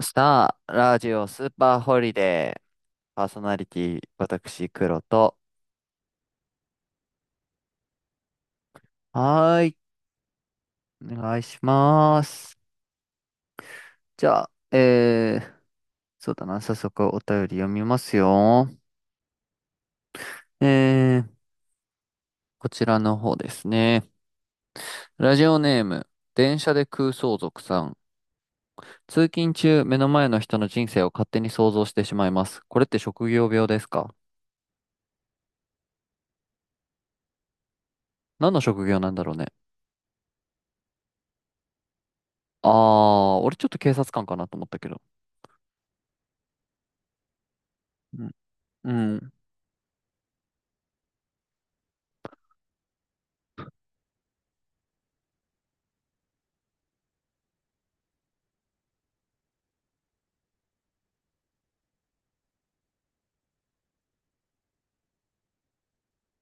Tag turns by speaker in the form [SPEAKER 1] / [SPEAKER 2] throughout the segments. [SPEAKER 1] スター、ラジオ、スーパーホリデー、パーソナリティ、私、黒と。はーい、お願いします。じゃあ、えー、そうだな、早速お便り読みますよ。えー、こちらの方ですね。ラジオネーム、電車で空想族さん。通勤中、目の前の人の人生を勝手に想像してしまいます。これって職業病ですか？何の職業なんだろうね。あー、俺ちょっと警察官かなと思ったけど。うん。うん。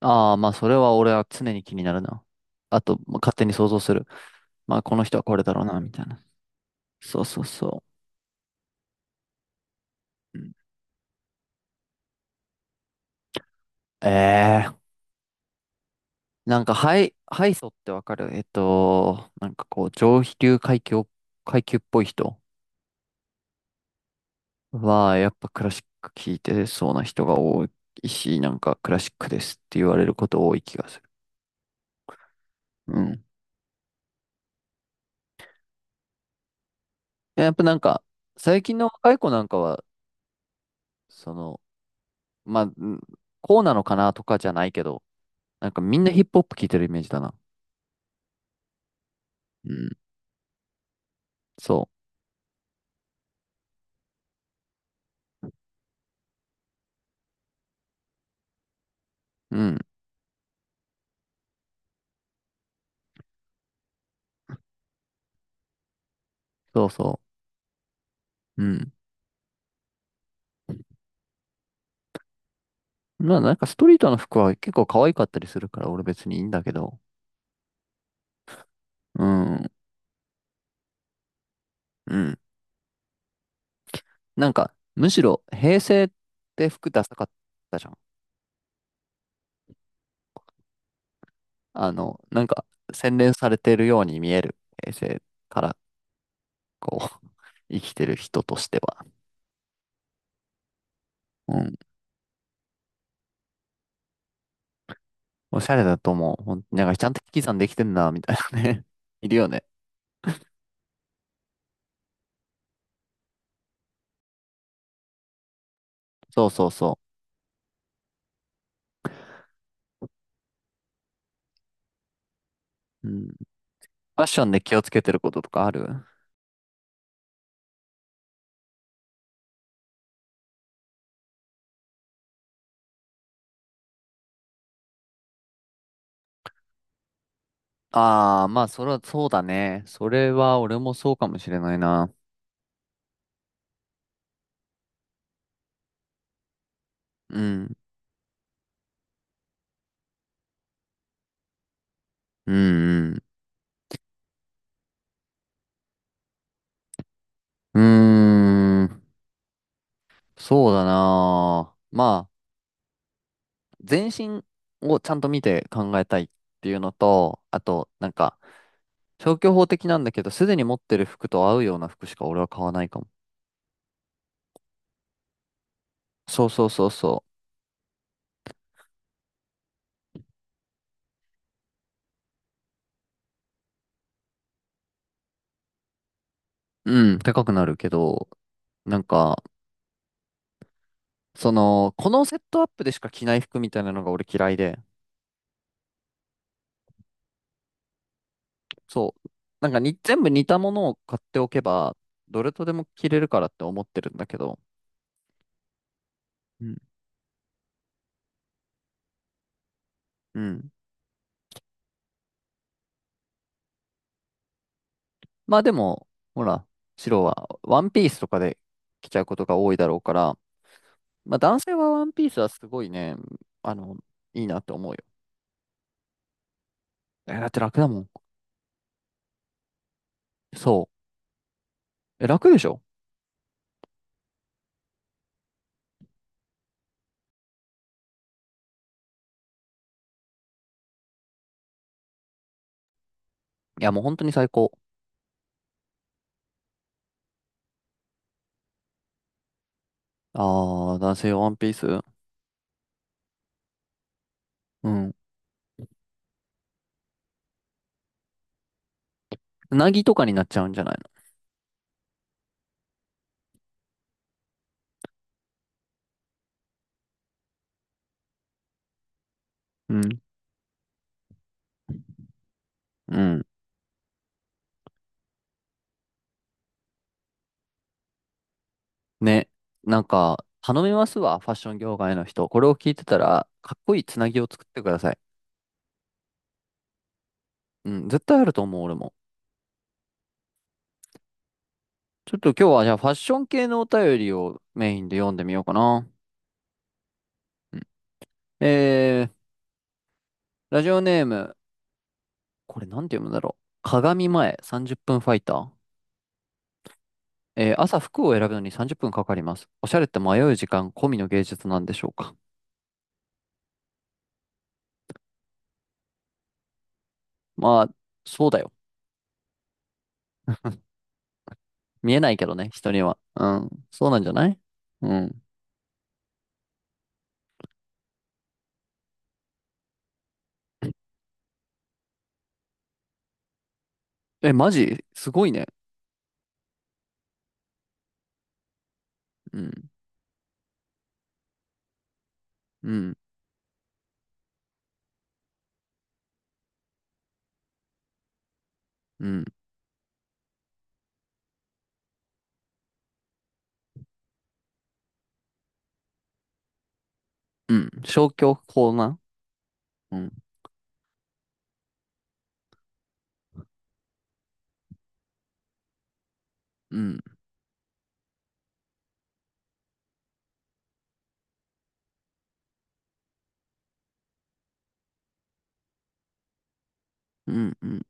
[SPEAKER 1] ああ、まあ、それは俺は常に気になるな。あと、まあ勝手に想像する。まあ、この人はこれだろうな、みたいな。そうそうそう。うん。ええ、なんか、ハイソってわかる？なんかこう、上流階級、階級っぽい人は、やっぱクラシック聴いてそうな人が多いし、なんかクラシックですって言われること多い気がする。うん。やっぱなんか、最近の若い子なんかは、その、まあ、うん、こうなのかなとかじゃないけど、なんかみんなヒップホップ聴いてるイメージだな。うん。そう。うん。そうそう。うん。まあなんかストリートの服は結構可愛かったりするから俺別にいいんだけど。うん。うん。なんかむしろ平成って服ダサかったじゃん。なんか洗練されてるように見える平成からこう 生きてる人としては。うん。おしゃれだと思う。ほんなんかちゃんと引き算できてんな、みたいなね。いるよね。そうそうそう。うん。ファッションで気をつけてることとかある？ああ、まあ、それはそうだね。それは俺もそうかもしれないな。うん。うん、うん。うーん。そうだな。まあ、全身をちゃんと見て考えたいっていうのと、あと、なんか、消去法的なんだけど、すでに持ってる服と合うような服しか俺は買わないかも。そうそうそうそう。うん、高くなるけど、なんか、このセットアップでしか着ない服みたいなのが俺嫌いで、そう。なんかに、全部似たものを買っておけば、どれとでも着れるからって思ってるんだけど、うん。うん。まあでも、ほら、白はワンピースとかで着ちゃうことが多いだろうから、まあ男性はワンピースはすごいね、あの、いいなと思うよ。え、だって楽だもん。そう。え、楽でしょ？いや、もう本当に最高。あー、男性ワンピース。うん。うなぎとかになっちゃうんじゃないの？うん。うん。ね、なんか、頼みますわ、ファッション業界の人。これを聞いてたら、かっこいいつなぎを作ってください。うん、絶対あると思う、俺も。ちょっと今日はじゃあファッション系のお便りをメインで読んでみようかな。うん、えー、ラジオネーム、これなんて読むんだろう。鏡前30分ファイター。朝服を選ぶのに30分かかります。おしゃれって迷う時間込みの芸術なんでしょうか。まあ、そうだよ。見えないけどね、人には。うん、そうなんじゃない？うん。え、マジすごいね。うん。うん。うん、うん、消去法な。うん、うん、うん、うん。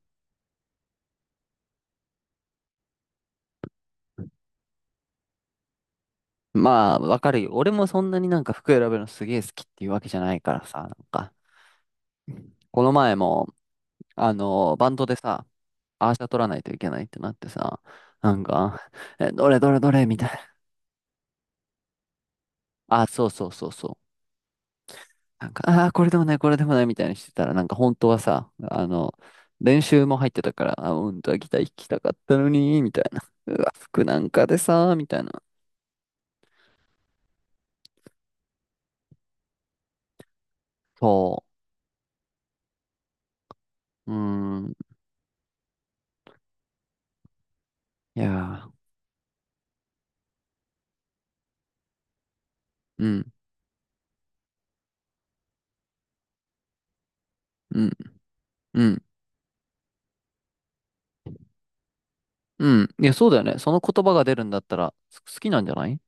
[SPEAKER 1] まあ、わかるよ。俺もそんなになんか服選ぶのすげえ好きっていうわけじゃないからさ、なんか、この前も、バンドでさ、アーシャ取らないといけないってなってさ、なんか、え、どれどれどれみたいな。あ、そうそうそうそう。なんか、ああ、これでもない、これでもないみたいにしてたら、なんか本当はさ、練習も入ってたから、あ、本当はギター弾きたかったのに、みたいな。うわ、服なんかでさ、みたいな。そう。うー、いやー、うん、うん、うん、うん。いや、そうだよね。その言葉が出るんだったら、好きなんじゃない？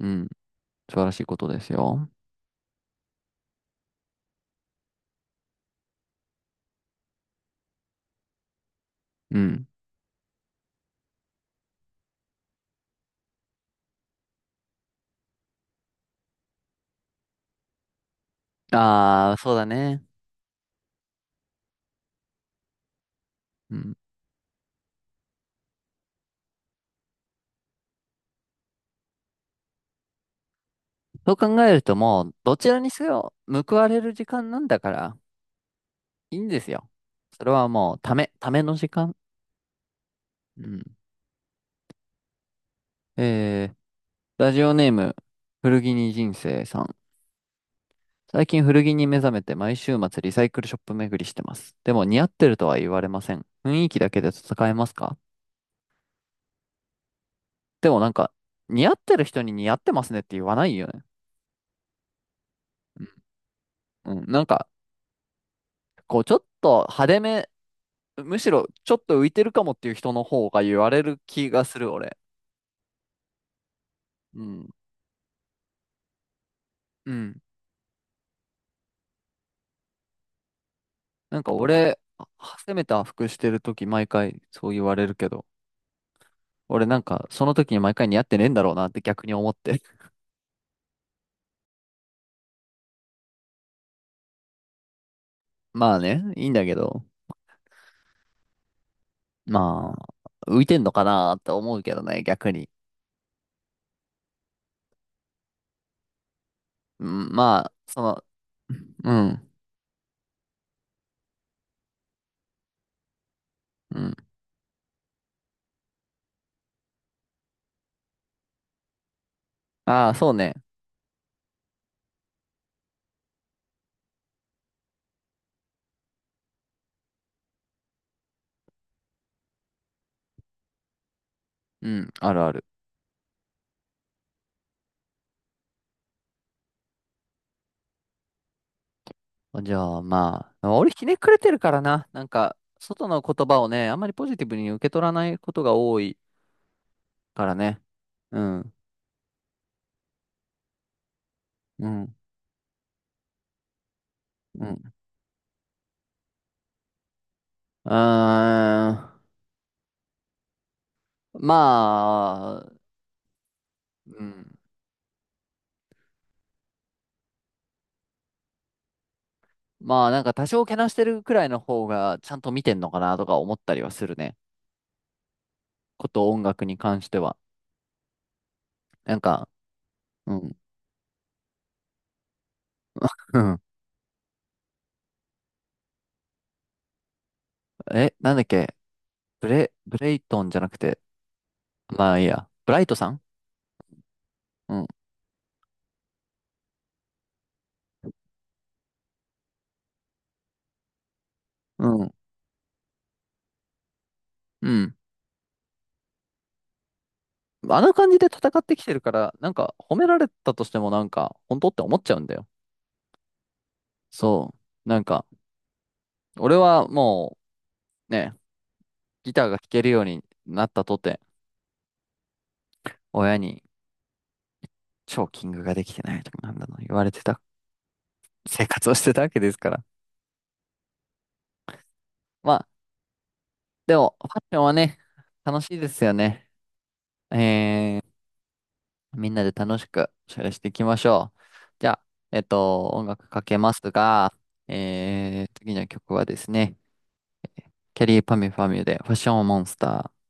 [SPEAKER 1] うん、素晴らしいことですよ。うん。ああ、そうだね。うん。そう考えるともう、どちらにせよ、報われる時間なんだから、いいんですよ。それはもう、ための時間。うん。えー、ラジオネーム、古着に人生さん。最近古着に目覚めて毎週末リサイクルショップ巡りしてます。でも似合ってるとは言われません。雰囲気だけで戦えますか？でもなんか、似合ってる人に似合ってますねって言わないよね。うん。うん。なんか、こう、ちょっと派手め、むしろちょっと浮いてるかもっていう人の方が言われる気がする、俺。うん。うん。なんか俺、あ、攻めた服してる時毎回そう言われるけど、俺なんか、その時に毎回似合ってねえんだろうなって逆に思って。まあね、いいんだけど、まあ、浮いてんのかなって思うけどね、逆に。うん、まあ、うん、うん。ああ、そうね。うん、あるある。じゃあまあ、俺ひねくれてるからな。なんか、外の言葉をね、あんまりポジティブに受け取らないことが多いからね。うん、うん、うん。うーん、まあ、うん。まあなんか多少けなしてるくらいの方がちゃんと見てんのかなとか思ったりはするね。こと音楽に関しては。なんか、うん、うん。え、なんだっけ？ブレイトンじゃなくて、まあいいや。ブライトさん。うん、うん、うん。あの感じで戦ってきてるから、なんか褒められたとしてもなんか、本当って思っちゃうんだよ。そう。なんか、俺はもうね、ギターが弾けるようになったとて、親にチョーキングができてないとかなんだの言われてた生活をしてたわけですから。まあ、でも、ファッションはね、楽しいですよね。えー、みんなで楽しくおしゃれしていきましょう。じゃあ、音楽かけますが、次の曲はですね、キャリーパミュパミュでファッションモンスター。